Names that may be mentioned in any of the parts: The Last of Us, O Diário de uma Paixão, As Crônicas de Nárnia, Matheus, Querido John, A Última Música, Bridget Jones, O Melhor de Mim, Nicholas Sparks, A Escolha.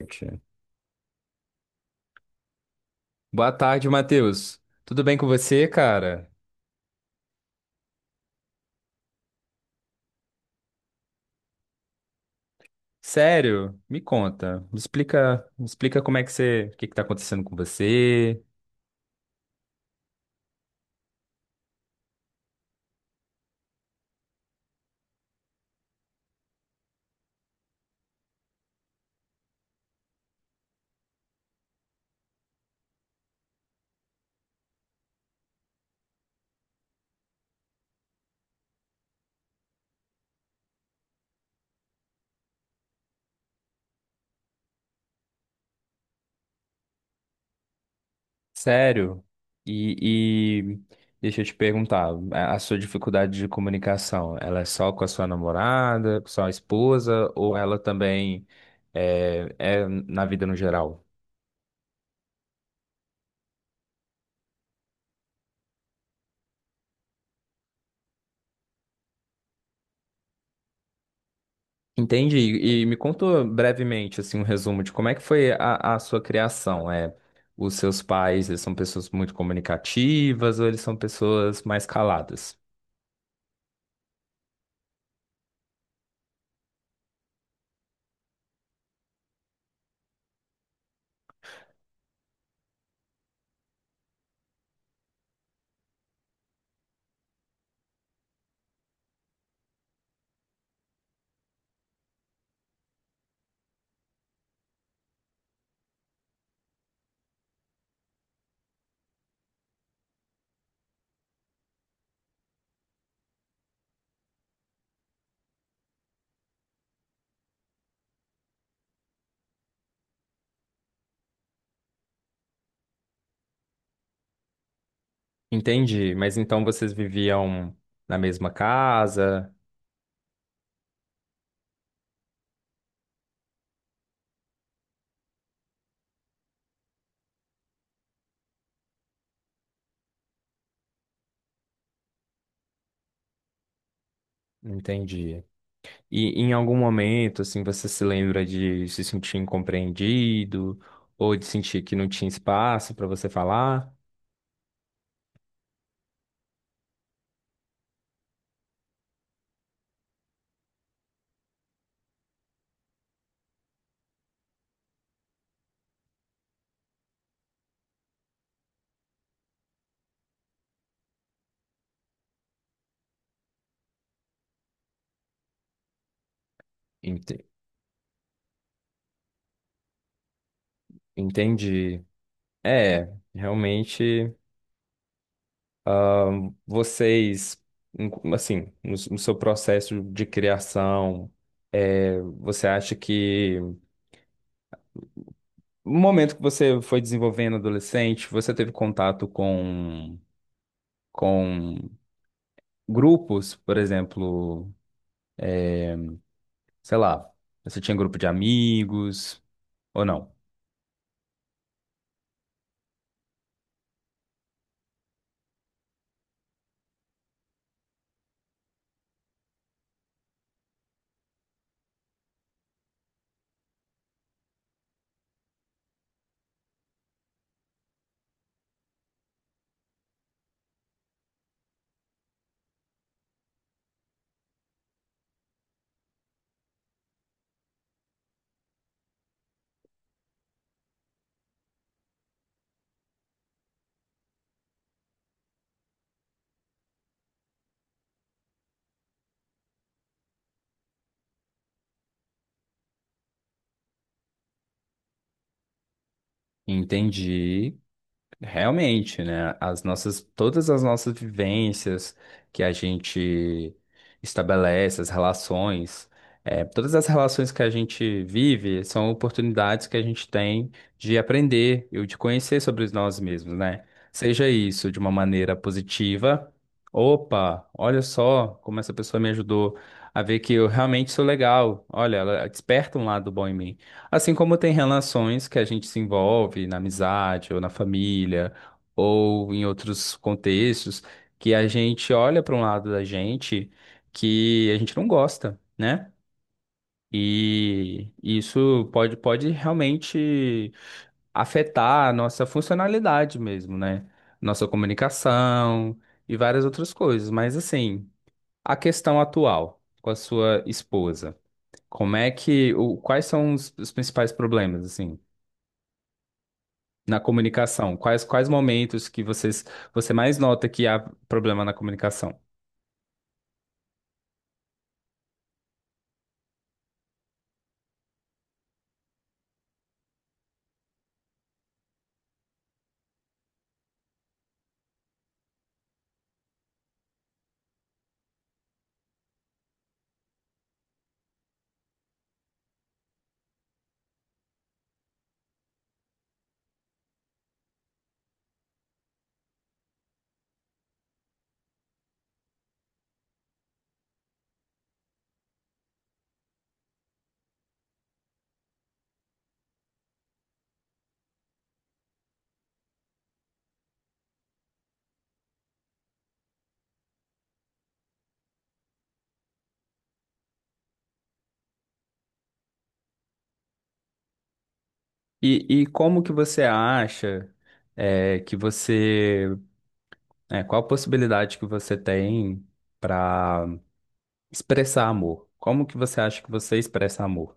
Gente. Boa tarde, Matheus. Tudo bem com você, cara? Sério? Me conta. Me explica como é que você, o que que tá acontecendo com você? Sério? E deixa eu te perguntar, a sua dificuldade de comunicação, ela é só com a sua namorada, com a sua esposa, ou ela também é na vida no geral? Entendi. E me conta brevemente, assim, um resumo de como é que foi a sua criação. É, os seus pais, eles são pessoas muito comunicativas ou eles são pessoas mais caladas? Entendi. Mas então vocês viviam na mesma casa? Entendi. E em algum momento, assim, você se lembra de se sentir incompreendido ou de sentir que não tinha espaço para você falar? Ente- Entendi. É, realmente. Vocês, assim, no seu processo de criação, você acha que no momento que você foi desenvolvendo adolescente, você teve contato com grupos, por exemplo, sei lá, você tinha grupo de amigos ou não? Entendi. Realmente, né? As nossas, todas as nossas vivências que a gente estabelece, as relações, todas as relações que a gente vive são oportunidades que a gente tem de aprender e de conhecer sobre nós mesmos, né? Seja isso de uma maneira positiva. Opa, olha só como essa pessoa me ajudou a ver que eu realmente sou legal. Olha, ela desperta um lado bom em mim. Assim como tem relações que a gente se envolve na amizade ou na família ou em outros contextos que a gente olha para um lado da gente que a gente não gosta, né? E isso pode realmente afetar a nossa funcionalidade mesmo, né? Nossa comunicação e várias outras coisas. Mas assim, a questão atual com a sua esposa, como é que, o, quais são os principais problemas, assim? Na comunicação, quais momentos que vocês, você mais nota que há problema na comunicação? E como que você acha é, que você, é, qual a possibilidade que você tem para expressar amor? Como que você acha que você expressa amor?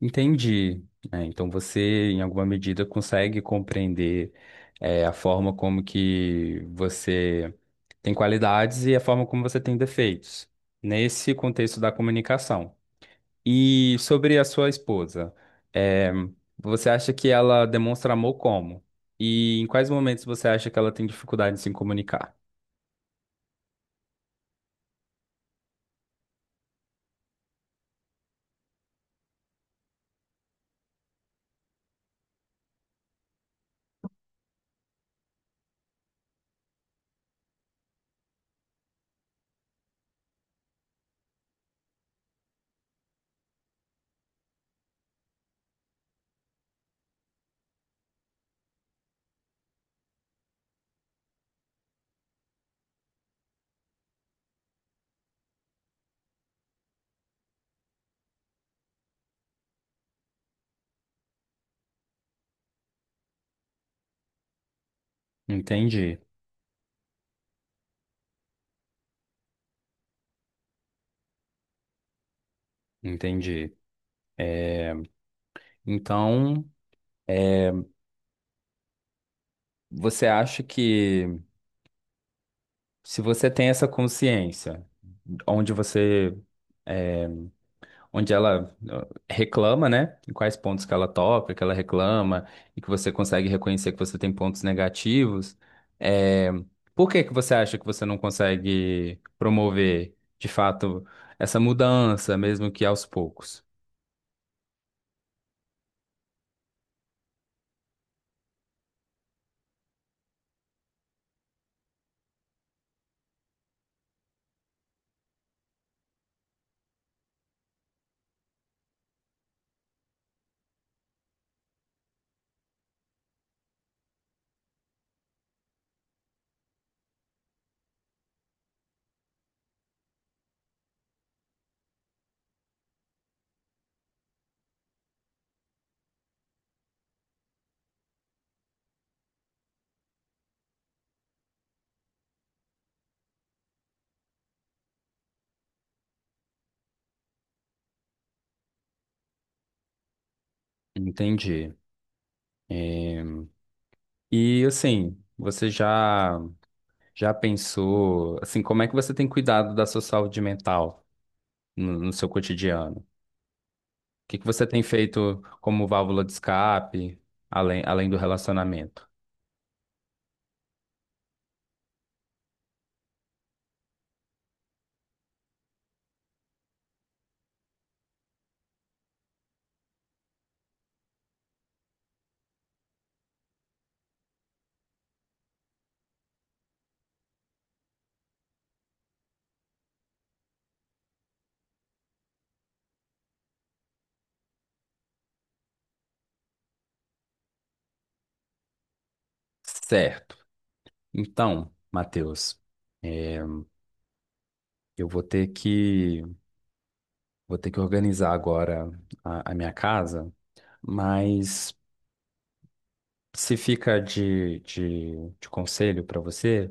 Entendi. Né? Então você, em alguma medida, consegue compreender é, a forma como que você tem qualidades e a forma como você tem defeitos. Nesse contexto da comunicação. E sobre a sua esposa, é, você acha que ela demonstra amor como? E em quais momentos você acha que ela tem dificuldade em se comunicar? Entendi, entendi. É, então, você acha que se você tem essa consciência, onde você onde ela reclama, né? Em quais pontos que ela toca, que ela reclama, e que você consegue reconhecer que você tem pontos negativos. É, por que que você acha que você não consegue promover, de fato, essa mudança, mesmo que aos poucos? Entendi. É, e assim, você já já pensou, assim, como é que você tem cuidado da sua saúde mental no seu cotidiano? Que você tem feito como válvula de escape, além do relacionamento? Certo. Então, Matheus, é, eu vou ter que organizar agora a minha casa, mas se fica de conselho para você,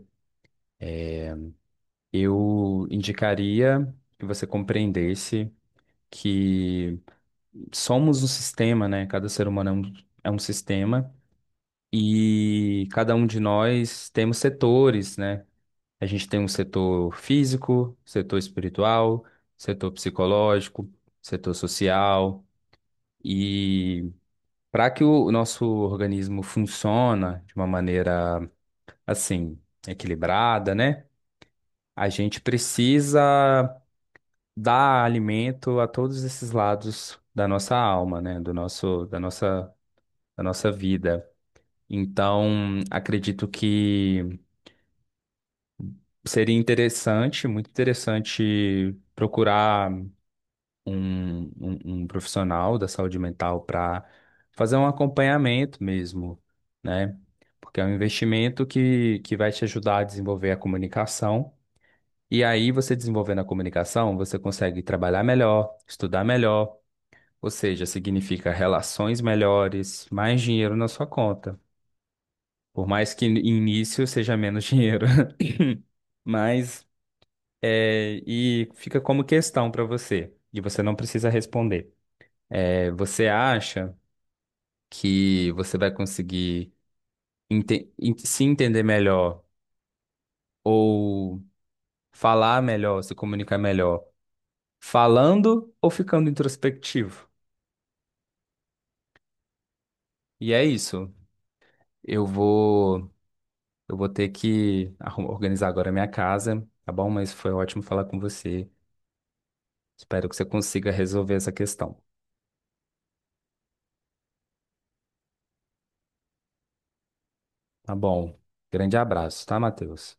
eu indicaria que você compreendesse que somos um sistema, né? Cada ser humano é um sistema. E cada um de nós temos setores, né? A gente tem um setor físico, setor espiritual, setor psicológico, setor social. E para que o nosso organismo funcione de uma maneira assim, equilibrada, né? A gente precisa dar alimento a todos esses lados da nossa alma, né? Do nosso, da nossa vida. Então, acredito que seria interessante, muito interessante procurar um profissional da saúde mental para fazer um acompanhamento mesmo, né? Porque é um investimento que vai te ajudar a desenvolver a comunicação. E aí, você desenvolvendo a comunicação, você consegue trabalhar melhor, estudar melhor, ou seja, significa relações melhores, mais dinheiro na sua conta. Por mais que no início seja menos dinheiro, mas. É, e fica como questão para você, e você não precisa responder. É, você acha que você vai conseguir se entender melhor ou falar melhor, se comunicar melhor, falando ou ficando introspectivo? E é isso. Eu vou, eu vou ter que organizar agora a minha casa, tá bom? Mas foi ótimo falar com você. Espero que você consiga resolver essa questão, tá bom? Grande abraço, tá, Matheus?